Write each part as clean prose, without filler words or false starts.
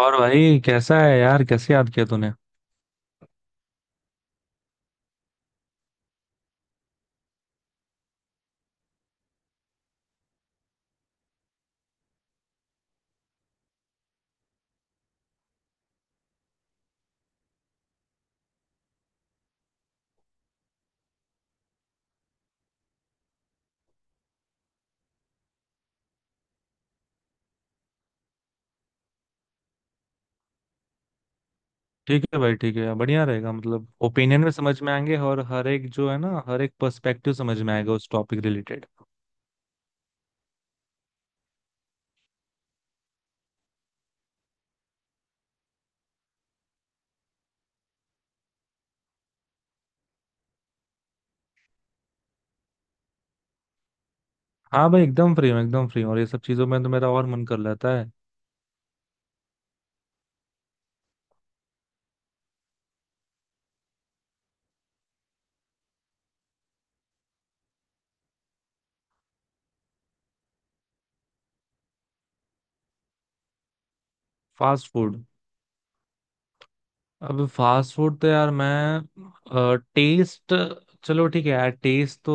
और भाई कैसा है यार? कैसे याद किया तूने? ठीक है भाई, ठीक है, बढ़िया रहेगा। मतलब ओपिनियन भी समझ में आएंगे और हर एक जो है ना, हर एक पर्सपेक्टिव समझ में आएगा उस टॉपिक रिलेटेड। हाँ भाई, एकदम फ्री हूँ, एकदम फ्री हूँ। और ये सब चीजों में तो मेरा और मन कर लेता है। Fast food. अब फास्ट फूड तो यार मैं टेस्ट, चलो ठीक है यार, टेस्ट तो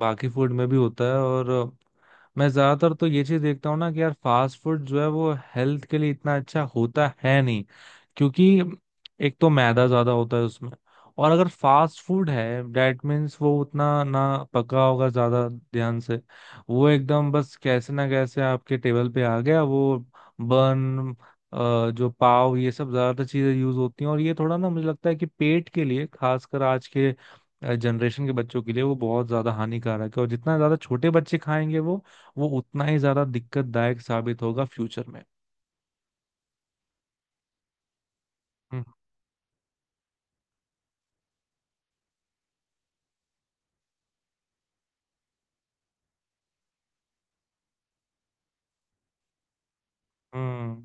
बाकी फूड में भी होता है। और मैं ज्यादातर तो ये चीज देखता हूँ ना कि यार फास्ट फूड जो है वो हेल्थ के लिए इतना अच्छा होता है नहीं। क्योंकि एक तो मैदा ज्यादा होता है उसमें। और अगर फास्ट फूड है, डेट मीन्स वो उतना ना पका होगा ज्यादा ध्यान से। वो एकदम बस कैसे ना कैसे आपके टेबल पे आ गया। वो बन, जो पाव, ये सब ज्यादातर चीजें यूज होती हैं। और ये थोड़ा ना मुझे लगता है कि पेट के लिए, खासकर आज के जनरेशन के बच्चों के लिए वो बहुत ज्यादा हानिकारक है। और जितना ज्यादा छोटे बच्चे खाएंगे वो उतना ही ज्यादा दिक्कतदायक साबित होगा फ्यूचर में। हम्म हम्म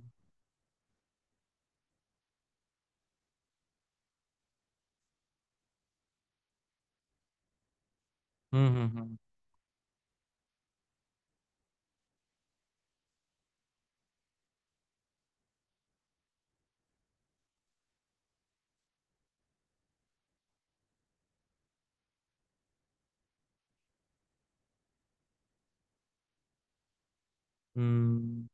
हम्म हम्म हम्म, हम्म।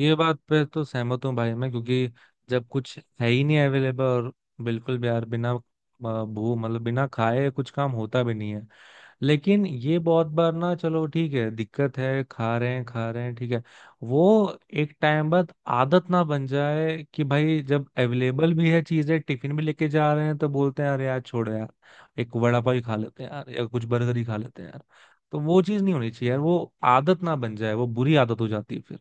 ये बात पे तो सहमत हूँ भाई मैं, क्योंकि जब कुछ है ही नहीं अवेलेबल, और बिल्कुल भी यार बिना भू, मतलब बिना खाए कुछ काम होता भी नहीं है। लेकिन ये बहुत बार ना, चलो ठीक है दिक्कत है, खा रहे हैं ठीक है, वो एक टाइम बाद आदत ना बन जाए कि भाई जब अवेलेबल भी है चीजें, टिफिन भी लेके जा रहे हैं तो बोलते हैं अरे यार छोड़ो यार, एक वड़ा पाव ही खा लेते हैं यार, या कुछ बर्गर ही खा लेते हैं यार। तो वो चीज नहीं होनी चाहिए यार, वो आदत ना बन जाए, वो बुरी आदत हो जाती है।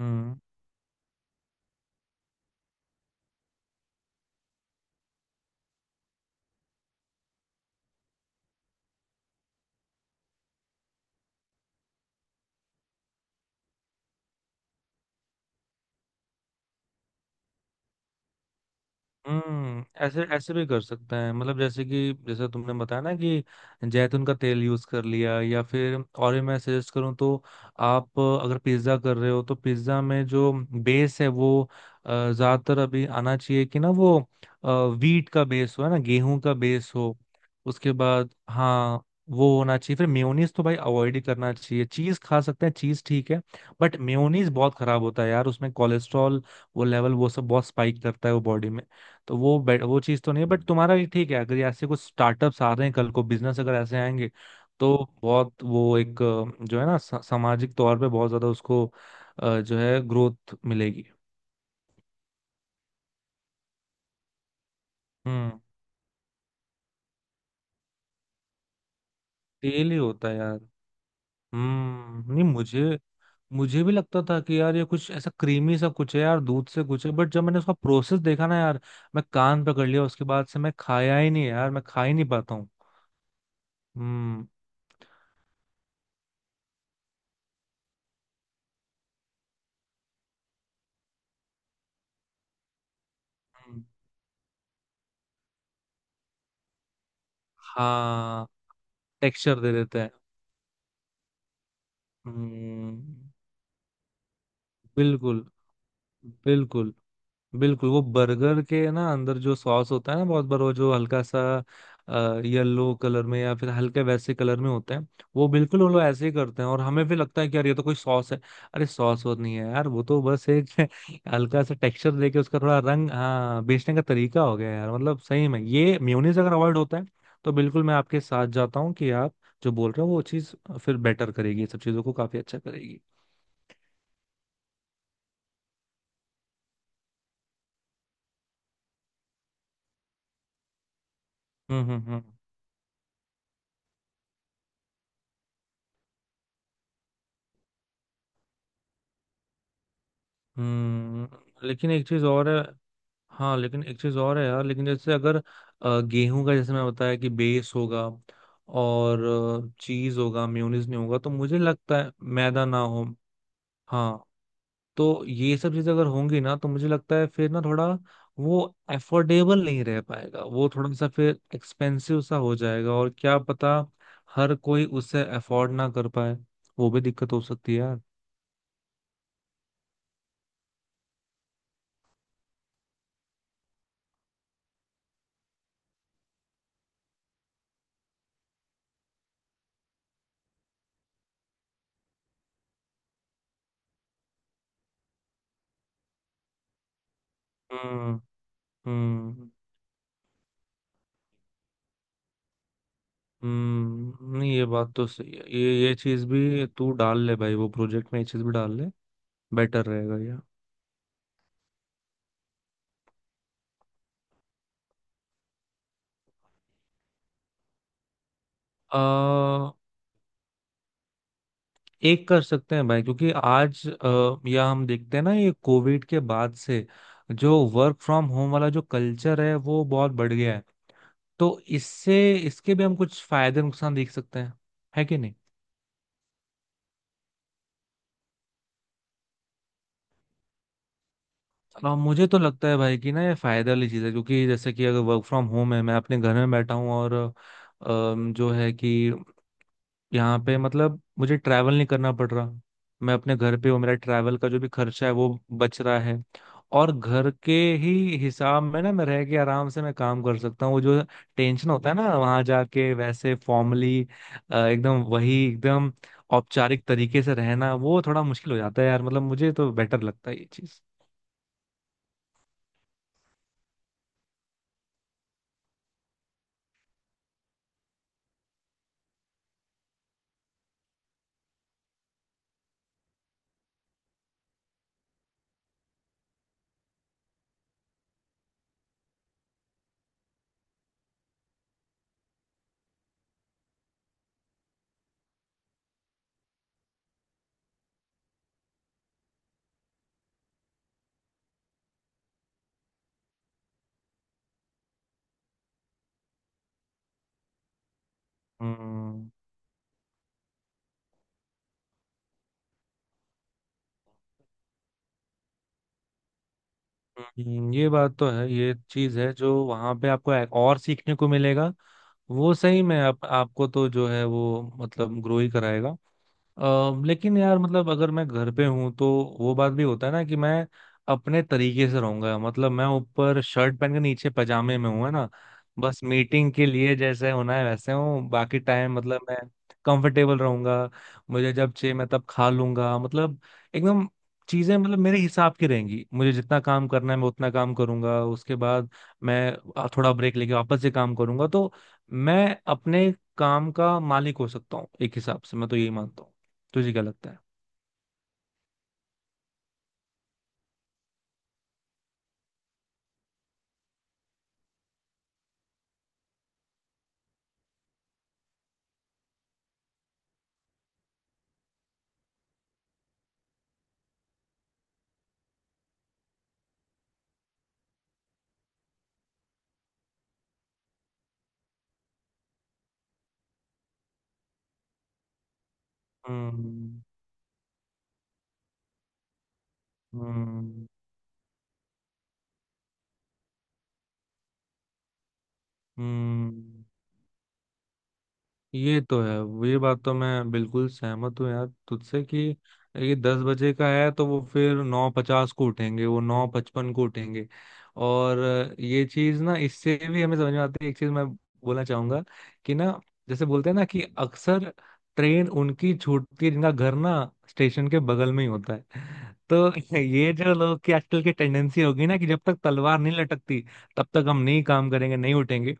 फिर। हम्म, ऐसे ऐसे भी कर सकते हैं। मतलब जैसे कि जैसे तुमने बताया ना कि जैतून का तेल यूज कर लिया, या फिर और भी मैं सजेस्ट करूँ तो, आप अगर पिज्ज़ा कर रहे हो तो पिज्ज़ा में जो बेस है वो ज्यादातर अभी आना चाहिए कि ना, वो वीट का बेस हो, है ना, गेहूं का बेस हो। उसके बाद हाँ, वो होना चाहिए। फिर मेयोनीज तो भाई अवॉइड ही करना चाहिए। चीज खा सकते हैं, चीज ठीक है, बट मेयोनीज बहुत खराब होता है यार। उसमें कोलेस्ट्रॉल वो लेवल वो सब बहुत स्पाइक करता है वो बॉडी में। तो वो वो चीज़ तो नहीं है। बट तुम्हारा ये ठीक है, अगर यहाँ से कुछ स्टार्टअप्स आ रहे हैं कल को, बिजनेस अगर ऐसे आएंगे तो बहुत वो एक जो है ना सामाजिक तौर पे बहुत ज्यादा उसको जो है ग्रोथ मिलेगी। हम्म। तेल ही होता है यार। हम्म, नहीं मुझे, मुझे भी लगता था कि यार ये कुछ ऐसा क्रीमी सा कुछ है यार, दूध से कुछ है। बट जब मैंने उसका प्रोसेस देखा ना यार, मैं कान पकड़ लिया। उसके बाद से मैं खाया ही नहीं यार, मैं खा ही नहीं पाता हूँ। हम्म, हम्म, हाँ, टेक्सचर दे देते हैं। हम्म। बिल्कुल, बिल्कुल, बिल्कुल। वो बर्गर के ना अंदर जो सॉस होता है ना, बहुत बार वो जो हल्का सा येलो कलर में या फिर हल्के वैसे कलर में होते हैं, वो बिल्कुल वो लोग ऐसे ही करते हैं। और हमें भी लगता है कि यार ये तो कोई सॉस है। अरे सॉस वो नहीं है यार, वो तो बस एक हल्का सा टेक्सचर देके उसका थोड़ा रंग, हाँ, बेचने का तरीका हो गया यार। मतलब सही में ये मेयोनीज अगर अवॉइड होता है तो बिल्कुल मैं आपके साथ जाता हूँ कि आप जो बोल रहे हो वो चीज़ फिर बेटर करेगी, ये सब चीज़ों को काफी अच्छा करेगी। हम्म। हम्म, लेकिन एक चीज और है। हाँ, लेकिन एक चीज और है यार। लेकिन जैसे अगर गेहूं का, जैसे मैं बताया कि बेस होगा और चीज होगा, मेयोनीज नहीं होगा, तो मुझे लगता है मैदा ना हो। हाँ, तो ये सब चीजें अगर होंगी ना, तो मुझे लगता है फिर ना थोड़ा, वो एफोर्डेबल नहीं रह पाएगा, वो थोड़ा सा फिर एक्सपेंसिव सा हो जाएगा। और क्या पता हर कोई उसे अफोर्ड ना कर पाए, वो भी दिक्कत हो सकती है यार। हम्म हम्म। हम्म, नहीं ये बात तो सही है। ये चीज भी तू डाल ले भाई वो प्रोजेक्ट में, ये चीज भी डाल ले, बेटर रहेगा ये। आ, एक कर सकते हैं भाई, क्योंकि आज या हम देखते हैं ना ये कोविड के बाद से जो वर्क फ्रॉम होम वाला जो कल्चर है वो बहुत बढ़ गया है। तो इससे, इसके भी हम कुछ फायदे नुकसान देख सकते हैं, है कि नहीं? मुझे तो लगता है भाई कि ना ये फायदे वाली चीज है। क्योंकि जैसे कि अगर वर्क फ्रॉम होम है, मैं अपने घर में बैठा हूँ और जो है कि यहाँ पे, मतलब मुझे ट्रैवल नहीं करना पड़ रहा, मैं अपने घर पे हूँ, मेरा ट्रैवल का जो भी खर्चा है वो बच रहा है। और घर के ही हिसाब में ना, मैं रह के आराम से मैं काम कर सकता हूँ। वो जो टेंशन होता है ना वहां जाके, वैसे फॉर्मली एकदम, वही एकदम औपचारिक तरीके से रहना, वो थोड़ा मुश्किल हो जाता है यार। मतलब मुझे तो बेटर लगता है ये चीज। हम्म, ये बात तो है, ये चीज है जो वहां पे आपको और सीखने को मिलेगा, वो सही में आप, आपको तो जो है वो मतलब ग्रो ही कराएगा। लेकिन यार मतलब अगर मैं घर पे हूं तो वो बात भी होता है ना, कि मैं अपने तरीके से रहूंगा। मतलब मैं ऊपर शर्ट पहन के नीचे पजामे में हूं, है ना। बस मीटिंग के लिए जैसे होना है वैसे हूँ, बाकी टाइम मतलब मैं कंफर्टेबल रहूंगा। मुझे जब चाहिए मैं तब खा लूंगा, मतलब एकदम चीजें मतलब मेरे हिसाब की रहेंगी। मुझे जितना काम करना है मैं उतना काम करूंगा, उसके बाद मैं थोड़ा ब्रेक लेके वापस से काम करूंगा। तो मैं अपने काम का मालिक हो सकता हूँ एक हिसाब से, मैं तो यही मानता हूँ। तुझे क्या लगता है? हम्म हम्म हम्म। ये तो है, ये बात तो मैं बिल्कुल सहमत हूँ यार तुझसे कि ये 10 बजे का है तो वो फिर 9:50 को उठेंगे, वो 9:55 को उठेंगे। और ये चीज ना, इससे भी हमें समझ में आती है एक चीज, मैं बोलना चाहूंगा कि ना, जैसे बोलते हैं ना कि अक्सर ट्रेन उनकी छूटती है जिनका घर ना स्टेशन के बगल में ही होता है। तो ये जो लोग की आजकल की टेंडेंसी होगी ना कि जब तक तलवार नहीं लटकती तब तक हम नहीं काम करेंगे, नहीं उठेंगे।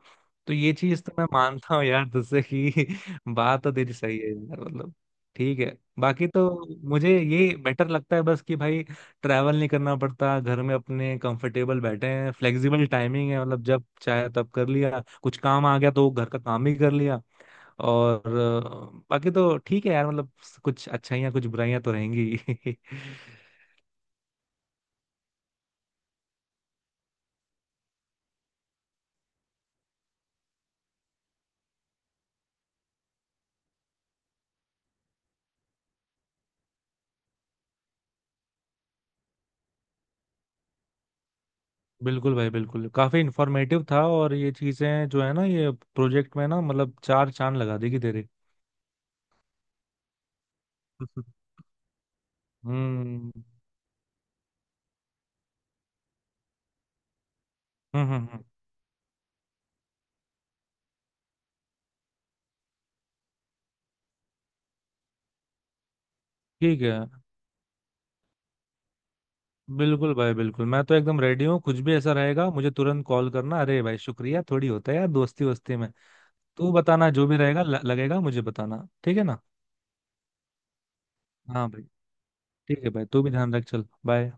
तो ये चीज तो मैं मानता हूँ यार तुझसे कि बात तो तेरी सही है यार मतलब, ठीक है। बाकी तो मुझे ये बेटर लगता है बस कि भाई ट्रैवल नहीं करना पड़ता, घर में अपने कंफर्टेबल बैठे हैं, फ्लेक्सिबल टाइमिंग है, मतलब जब चाहे तब कर लिया, कुछ काम आ गया तो घर का काम भी कर लिया। और बाकी तो ठीक है यार, मतलब कुछ अच्छाइयाँ कुछ बुराइयां तो रहेंगी। बिल्कुल भाई, बिल्कुल, काफी इंफॉर्मेटिव था। और ये चीजें जो है ना, ये प्रोजेक्ट में ना मतलब चार चांद लगा देगी तेरे। हम्म हम्म हम्म हम्म, ठीक है। बिल्कुल भाई, बिल्कुल, मैं तो एकदम रेडी हूँ। कुछ भी ऐसा रहेगा मुझे तुरंत कॉल करना, अरे भाई शुक्रिया थोड़ी होता है यार दोस्ती वोस्ती में। तू बताना जो भी रहेगा, लगेगा मुझे बताना, ठीक है ना। हाँ भाई, ठीक है भाई, तू भी ध्यान रख, चल बाय।